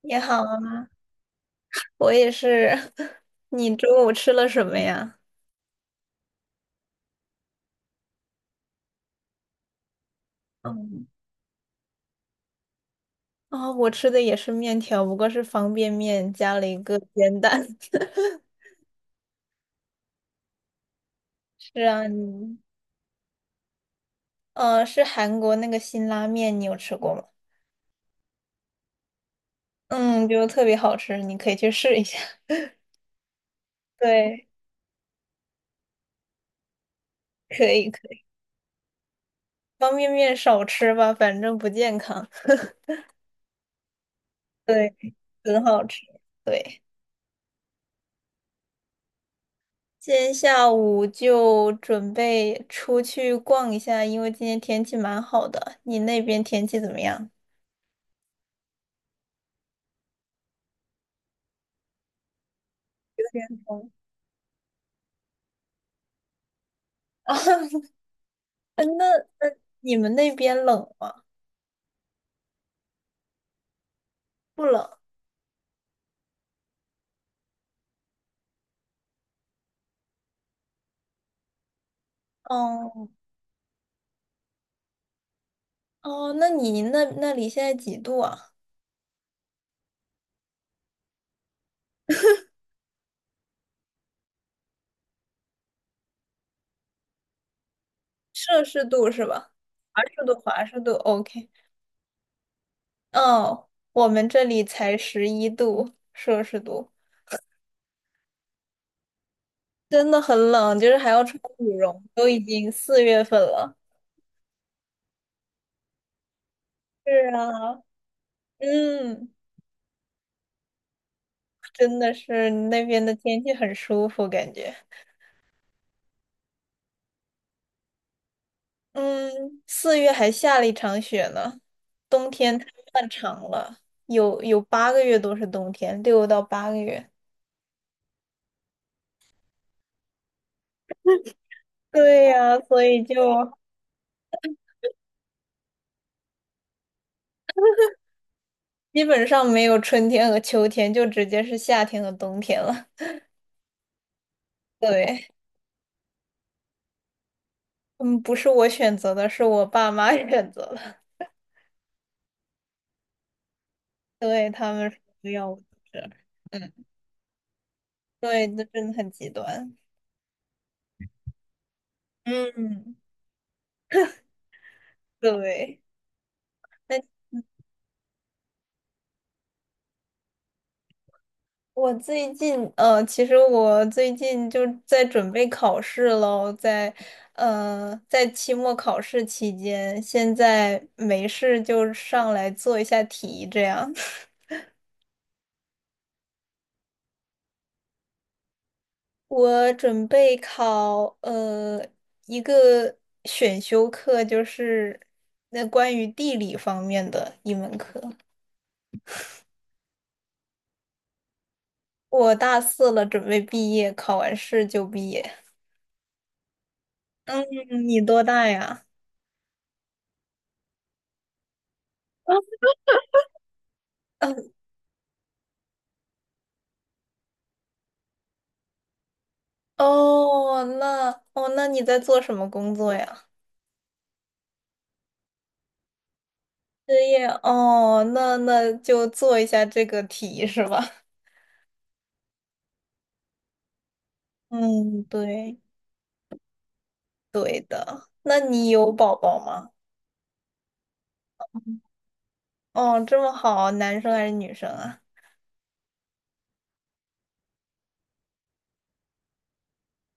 你好，我也是。你中午吃了什么呀？嗯。哦，我吃的也是面条，不过是方便面加了一个煎蛋。是啊，你，是韩国那个辛拉面，你有吃过吗？嗯，就特别好吃，你可以去试一下。对，可以可以，方便面少吃吧，反正不健康。对，很好吃。对。今天下午就准备出去逛一下，因为今天天气蛮好的。你那边天气怎么样？有点 啊，那那你们那边冷吗？不冷。哦哦，那你那里现在几度啊？摄氏度是吧？华氏度，华氏度，OK。哦，我们这里才11度摄氏度。真的很冷，就是还要穿羽绒，都已经4月份了。是啊，嗯。真的是那边的天气很舒服，感觉。嗯，四月还下了一场雪呢。冬天太漫长了，有八个月都是冬天，6到8个月。对呀，所以就基本上没有春天和秋天，就直接是夏天和冬天了。对，嗯，不是我选择的，是我爸妈 选择的。对，他们说不要我在这儿。嗯，对，那真的很极端。嗯，对。那。我最近，其实我最近就在准备考试喽。在，在期末考试期间，现在没事就上来做一下题，这样。我准备考，一个选修课，就是那关于地理方面的一门课。我大四了，准备毕业，考完试就毕业。嗯，你多大呀？哦，那你在做什么工作呀？失业哦，那就做一下这个题是吧？嗯，对对。那你有宝宝吗？哦，这么好，男生还是女生啊？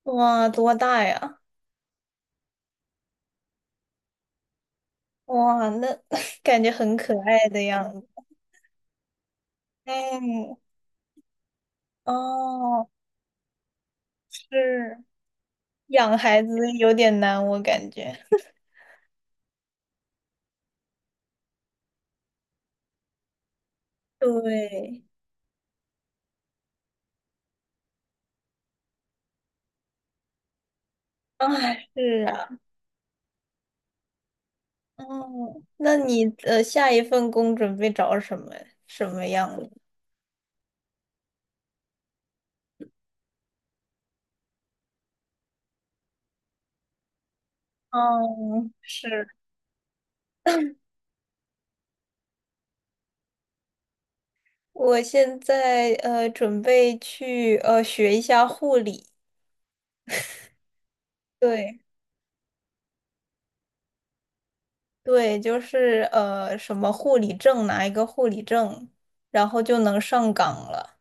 哇，多大呀？哇，那 感觉很可爱的样子。嗯，哦，是养孩子有点难，我感觉。对，哎，是啊。哦，那你下一份工准备找什么样的？嗯，是，我现在准备去学一下护理。对对，就是什么护理证，拿一个护理证，然后就能上岗了。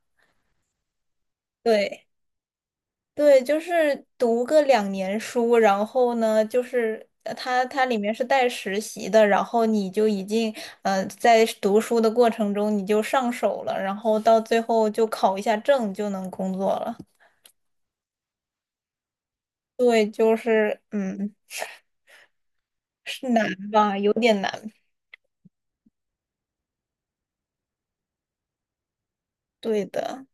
对。对，就是读个2年书，然后呢，就是它里面是带实习的，然后你就已经在读书的过程中你就上手了，然后到最后就考一下证就能工作了。对，就是是难吧，有点难。对的，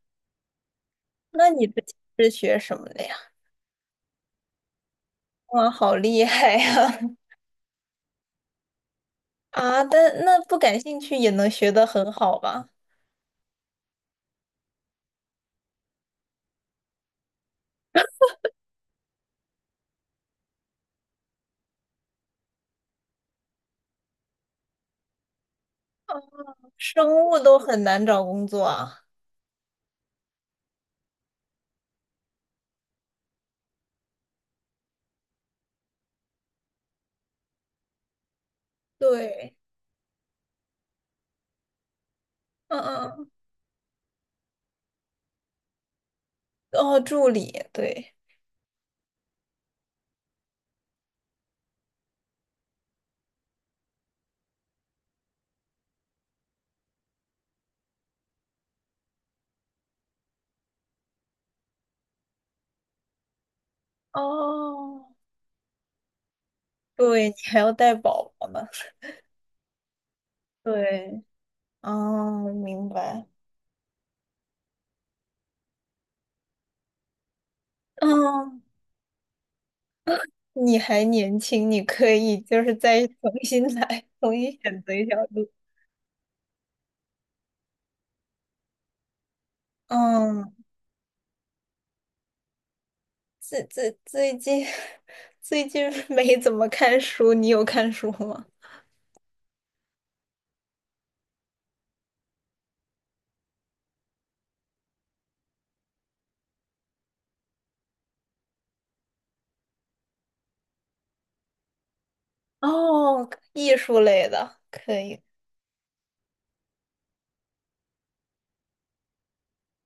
那你之前是学什么的呀？哇，好厉害呀！啊，但那不感兴趣也能学得很好吧？哦，生物都很难找工作啊。对，嗯嗯。嗯，哦，助理，对，哦，对，你还要带宝宝呢。对，哦，明白。嗯，你还年轻，你可以就是再重新来，重新选择一条路。嗯，最近 没怎么看书，你有看书吗？哦，艺术类的，可以。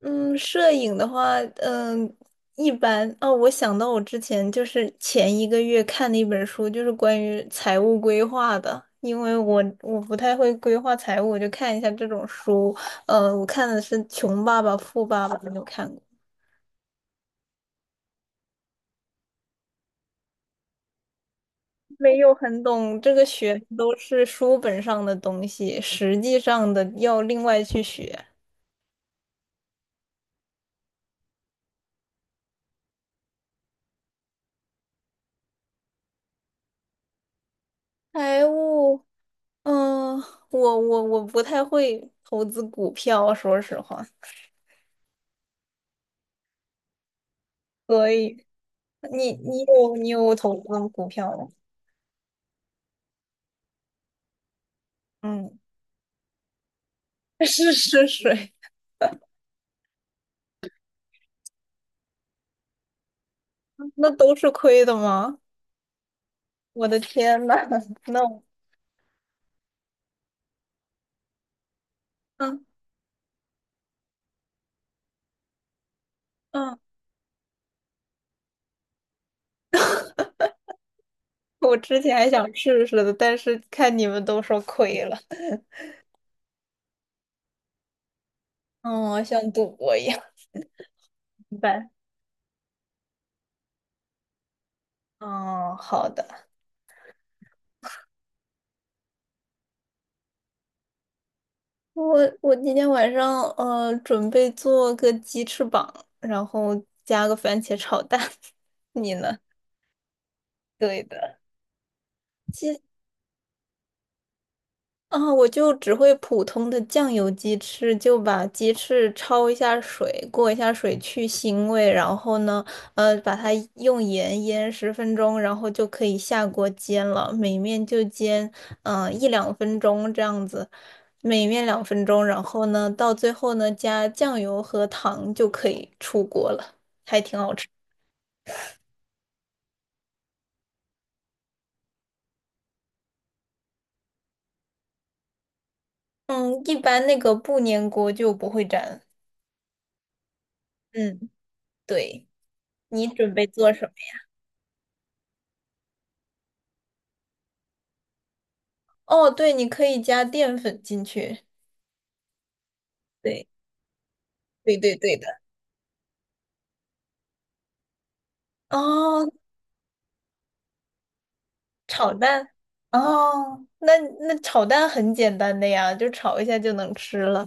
嗯，摄影的话，嗯，一般。哦，我想到我之前就是前一个月看的一本书，就是关于财务规划的。因为我不太会规划财务，我就看一下这种书。我看的是《穷爸爸富爸爸》，没有看过。没有很懂，这个学的都是书本上的东西，实际上的要另外去学。财务，嗯、我不太会投资股票，说实话。所以。你有投资股票吗？嗯，试试水，那都是亏的吗？我的天呐，那我嗯嗯，我之前还想试试的，但是看你们都说亏了。嗯，我像赌博一样。明白。嗯，好的。我今天晚上准备做个鸡翅膀，然后加个番茄炒蛋。你呢？对的。啊，我就只会普通的酱油鸡翅，就把鸡翅焯一下水，过一下水去腥味，然后呢，把它用盐腌10分钟，然后就可以下锅煎了。每面就煎，一两分钟这样子，每面两分钟，然后呢，到最后呢，加酱油和糖就可以出锅了。嗯，一般那个不粘锅就不会粘。嗯，对，你准备做什么？哦，对，你可以加淀粉进去。对对对对的。哦，炒蛋。哦，那炒蛋很简单的呀，就炒一下就能吃了。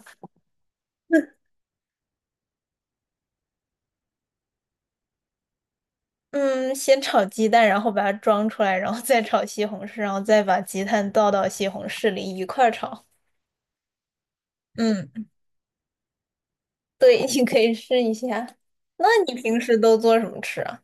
嗯，先炒鸡蛋，然后把它装出来，然后再炒西红柿，然后再把鸡蛋倒到西红柿里一块儿炒。嗯，对，你可以试一下。那你平时都做什么吃啊？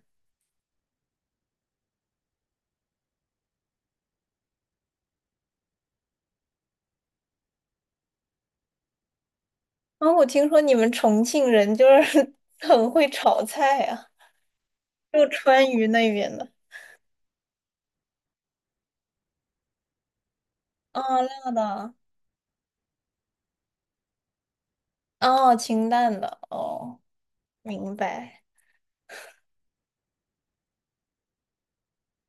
啊，我听说你们重庆人就是 很会炒菜啊，就川渝那边的。哦，辣的，哦，清淡的，哦，明白，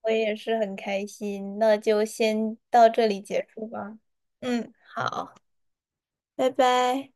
我也是很开心，那就先到这里结束吧。嗯，好，拜拜。